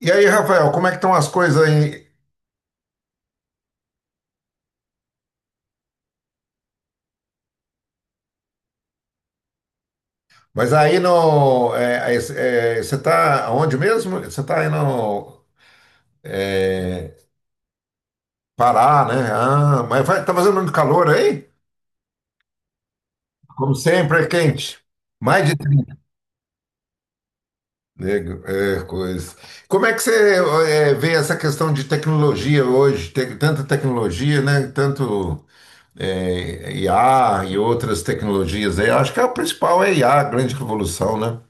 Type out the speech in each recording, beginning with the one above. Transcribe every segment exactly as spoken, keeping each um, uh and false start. E aí, Rafael, como é que estão as coisas aí? Mas aí no, é, é, é, você está onde mesmo? Você está aí no é, Pará, né? Ah, mas vai, tá fazendo muito calor aí? Como sempre, é quente. Mais de trinta. Nego, é, coisa. Como é que você é, vê essa questão de tecnologia hoje? Tem tanta tecnologia, né? Tanto é, I A e outras tecnologias aí. Acho que a principal é I A, a a grande revolução, né?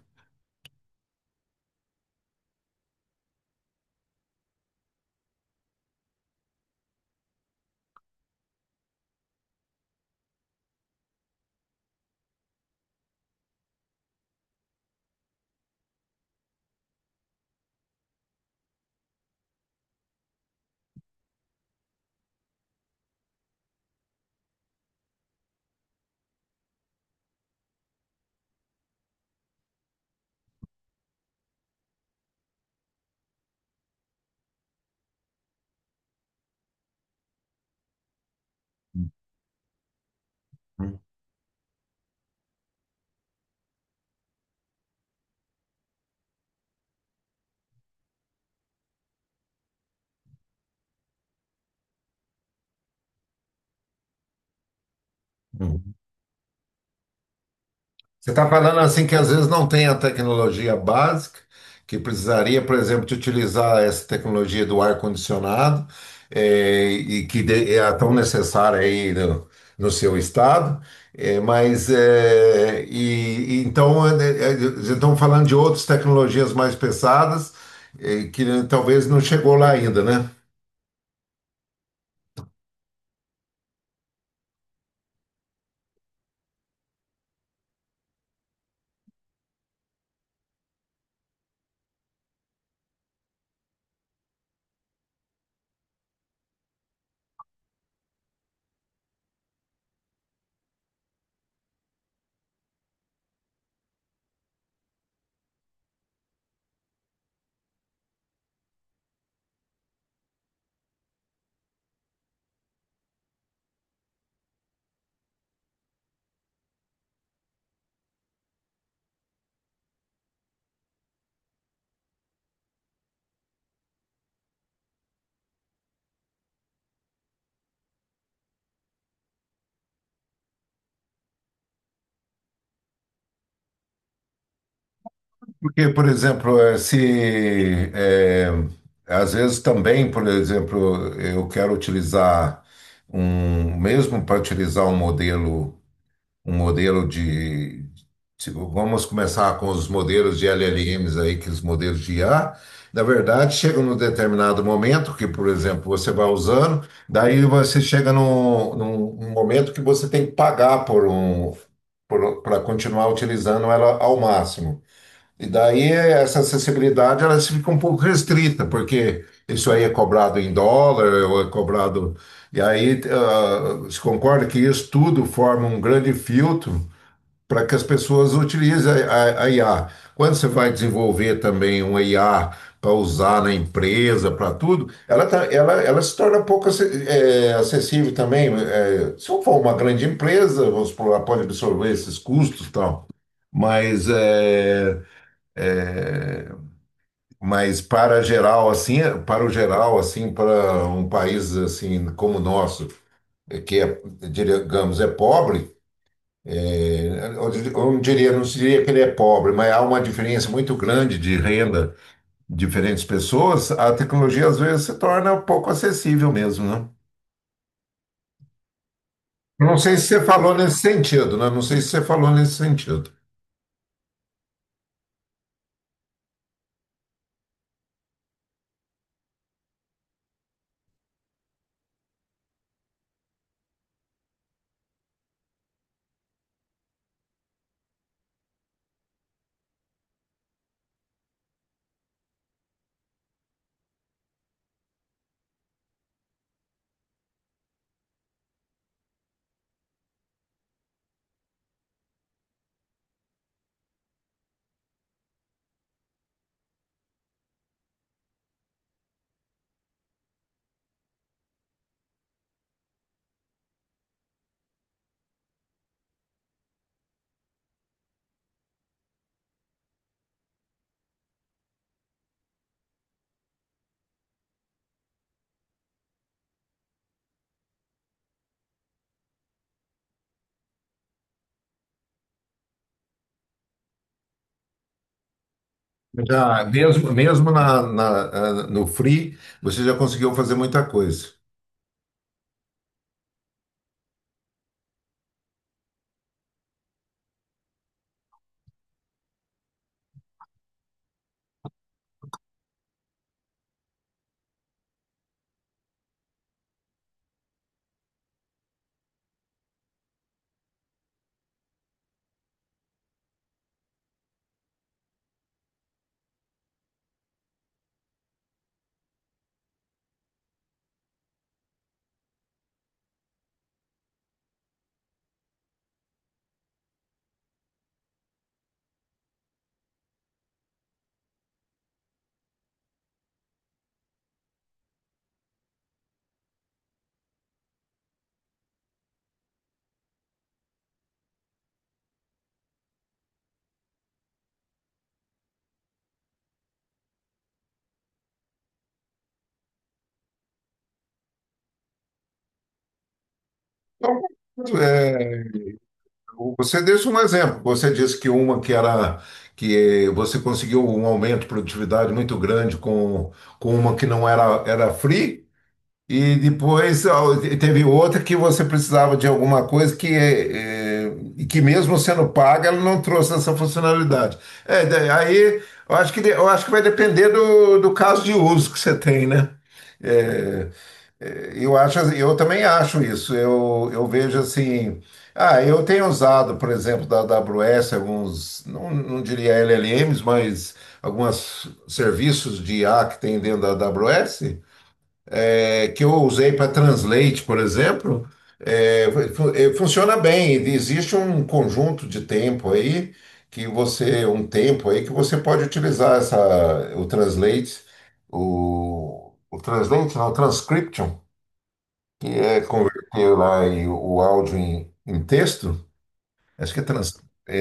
Hum, hum. Você está falando assim que às vezes não tem a tecnologia básica, que precisaria, por exemplo, de utilizar essa tecnologia do ar-condicionado, eh, e que de- é tão necessária aí no, no seu estado, eh, mas eh, e, e então eh, eh, estamos falando de outras tecnologias mais pesadas, eh, que talvez não chegou lá ainda, né? Porque, por exemplo, eh, se eh, às vezes também, por exemplo, eu quero utilizar um, mesmo para utilizar um modelo, um modelo de, se- vamos começar com os modelos de L L Ms aí, que os modelos de I A, na verdade, chega num determinado momento que, por exemplo, você vai usando, daí você chega num, num num momento que você tem que pagar por um, para continuar utilizando ela ao máximo. E daí essa acessibilidade ela se fica um pouco restrita, porque isso aí é cobrado em dólar, ou é cobrado. E aí ah, se concorda que isso tudo forma um grande filtro para que as pessoas utilizem a, a- a I A. Quando você vai desenvolver também uma I A para usar na empresa, para tudo, ela, tá- ela, ela se torna pouco acess- eh, acessível também. Eh, se eu for uma grande empresa, vamos supor, ela pode absorver esses custos e tal. Mas é, é, mas para geral, assim, para o geral, assim, para um país assim como o nosso, é, que é, digamos, é pobre, é, eu dir- eu não diria, não diria que ele é pobre, mas há uma diferença muito grande de renda de diferentes pessoas, a tecnologia às vezes se torna um pouco acessível mesmo, né? Eu não sei se você falou nesse sentido, né? Não sei se você falou nesse sentido. Já, mesmo mesmo na, na- ah, no Free, você já conseguiu fazer muita coisa. É, você disse um exemplo. Você disse que uma que era que você conseguiu um aumento de produtividade muito grande com, com uma que não era, era free, e depois ó, teve outra que você precisava de alguma coisa que, eh, e que mesmo sendo paga, ela não trouxe essa funcionalidade. É, da- aí eu acho que, de- eu acho que vai depender do, do caso de uso que você tem, né? É, é, eu acho, assim, eu também acho isso. Eu, eu vejo assim. Ah, eu tenho usado, por exemplo, da A W S alguns, não, não diria L L Ms, mas alguns serviços de I A que tem dentro da A W S, é, que eu usei para Translate, por exemplo. É, fu- é, funciona bem. Existe um conjunto de tempo aí que você, um tempo aí que você pode utilizar essa, o Translate, o, o Translate, não, o Transcription, que é converter lá em- o áudio em, em texto, acho que é trans. é,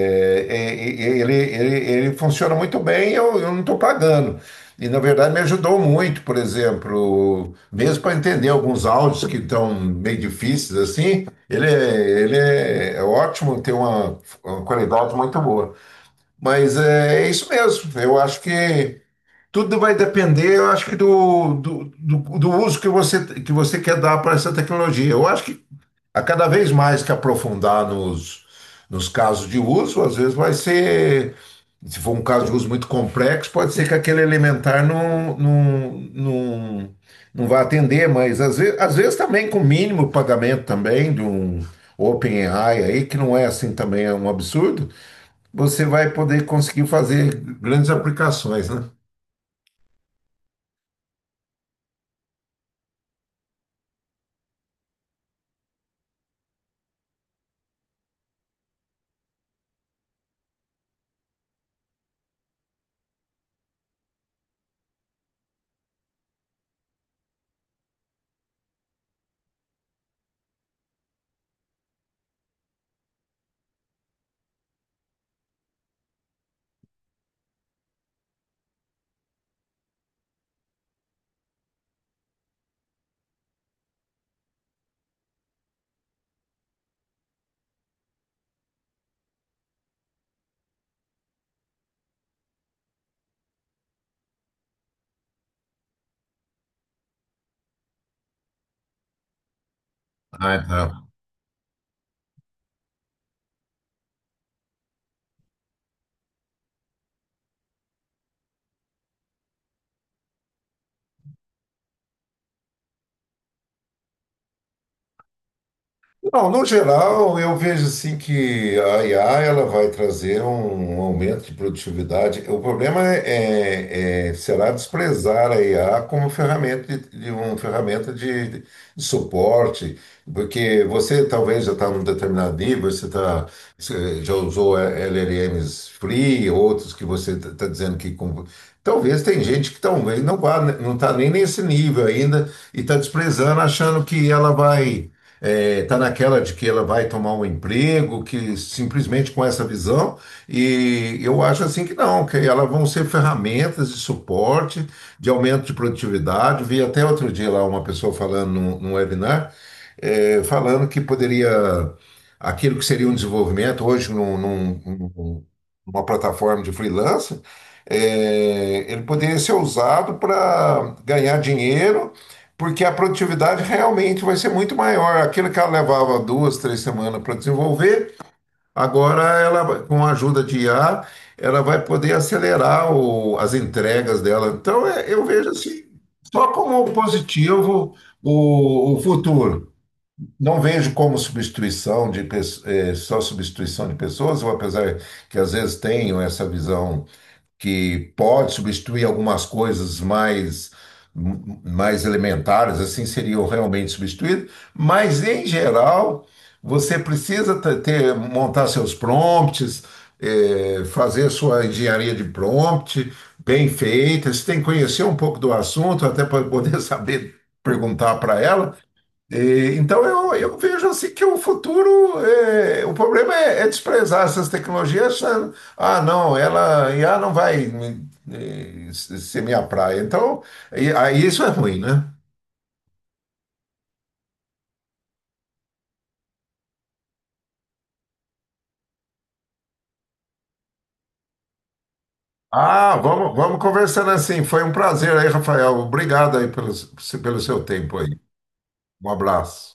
é, é, ele, ele, ele funciona muito bem, eu, eu não estou pagando. E na verdade me ajudou muito, por exemplo, mesmo para entender alguns áudios que estão meio difíceis assim, ele é, ele é, é ótimo, tem uma, uma qualidade muito boa. Mas é, é isso mesmo, eu acho que tudo vai depender, eu acho que do, do, do, do uso que você, que você quer dar para essa tecnologia. Eu acho que a cada vez mais que aprofundar nos, nos casos de uso, às vezes vai ser, se for um caso de uso muito complexo, pode ser que aquele elementar não, não, não, não vá atender, mas às vezes, às vezes também com mínimo pagamento também de um OpenAI aí, que não é assim também é um absurdo, você vai poder conseguir fazer grandes aplicações, né? Ah, então. Não, no geral, eu vejo assim que a I A ela vai trazer um, um aumento de produtividade. O problema é, é- é, será desprezar a I A como ferramenta de, de uma ferramenta de, de suporte, porque você talvez já está num determinado nível, você tá, você já usou L L Ms free, outros que você está dizendo que com- talvez tem gente que talvez não vá, não está nem nesse nível ainda e está desprezando, achando que ela vai é, tá naquela de que ela vai tomar um emprego, que simplesmente com essa visão, e eu acho assim que não, que elas vão ser ferramentas de suporte, de aumento de produtividade. Vi até outro dia lá uma pessoa falando num, num webinar é, falando que poderia aquilo que seria um desenvolvimento hoje num- num- num- numa plataforma de freelancer, é, ele poderia ser usado para ganhar dinheiro, porque a produtividade realmente vai ser muito maior. Aquilo que ela levava duas, três semanas para desenvolver, agora ela, vai- com a ajuda de I A, ela vai poder acelerar o- as entregas dela. Então, é, eu vejo assim, só como positivo o o futuro. Não vejo como substituição de pes- eh, só substituição de pessoas, ou apesar que às vezes tenho essa visão que pode substituir algumas coisas mais m- mais elementares, assim seriam realmente substituídas, mas em geral você precisa te- ter, montar seus prompts, eh, fazer sua engenharia de prompt bem feita, você tem que conhecer um pouco do assunto até para poder saber perguntar para ela. E então eu, eu vejo assim que o futuro, é, o problema é, é desprezar essas tecnologias. sa- Ah, não, ela I A não vai me- eh, se- ser minha praia. Então, e- aí isso é ruim, né? Ah, vamos, vamos conversando assim. Foi um prazer aí, Rafael. Obrigado aí pelo, pelo seu tempo aí. Um abraço.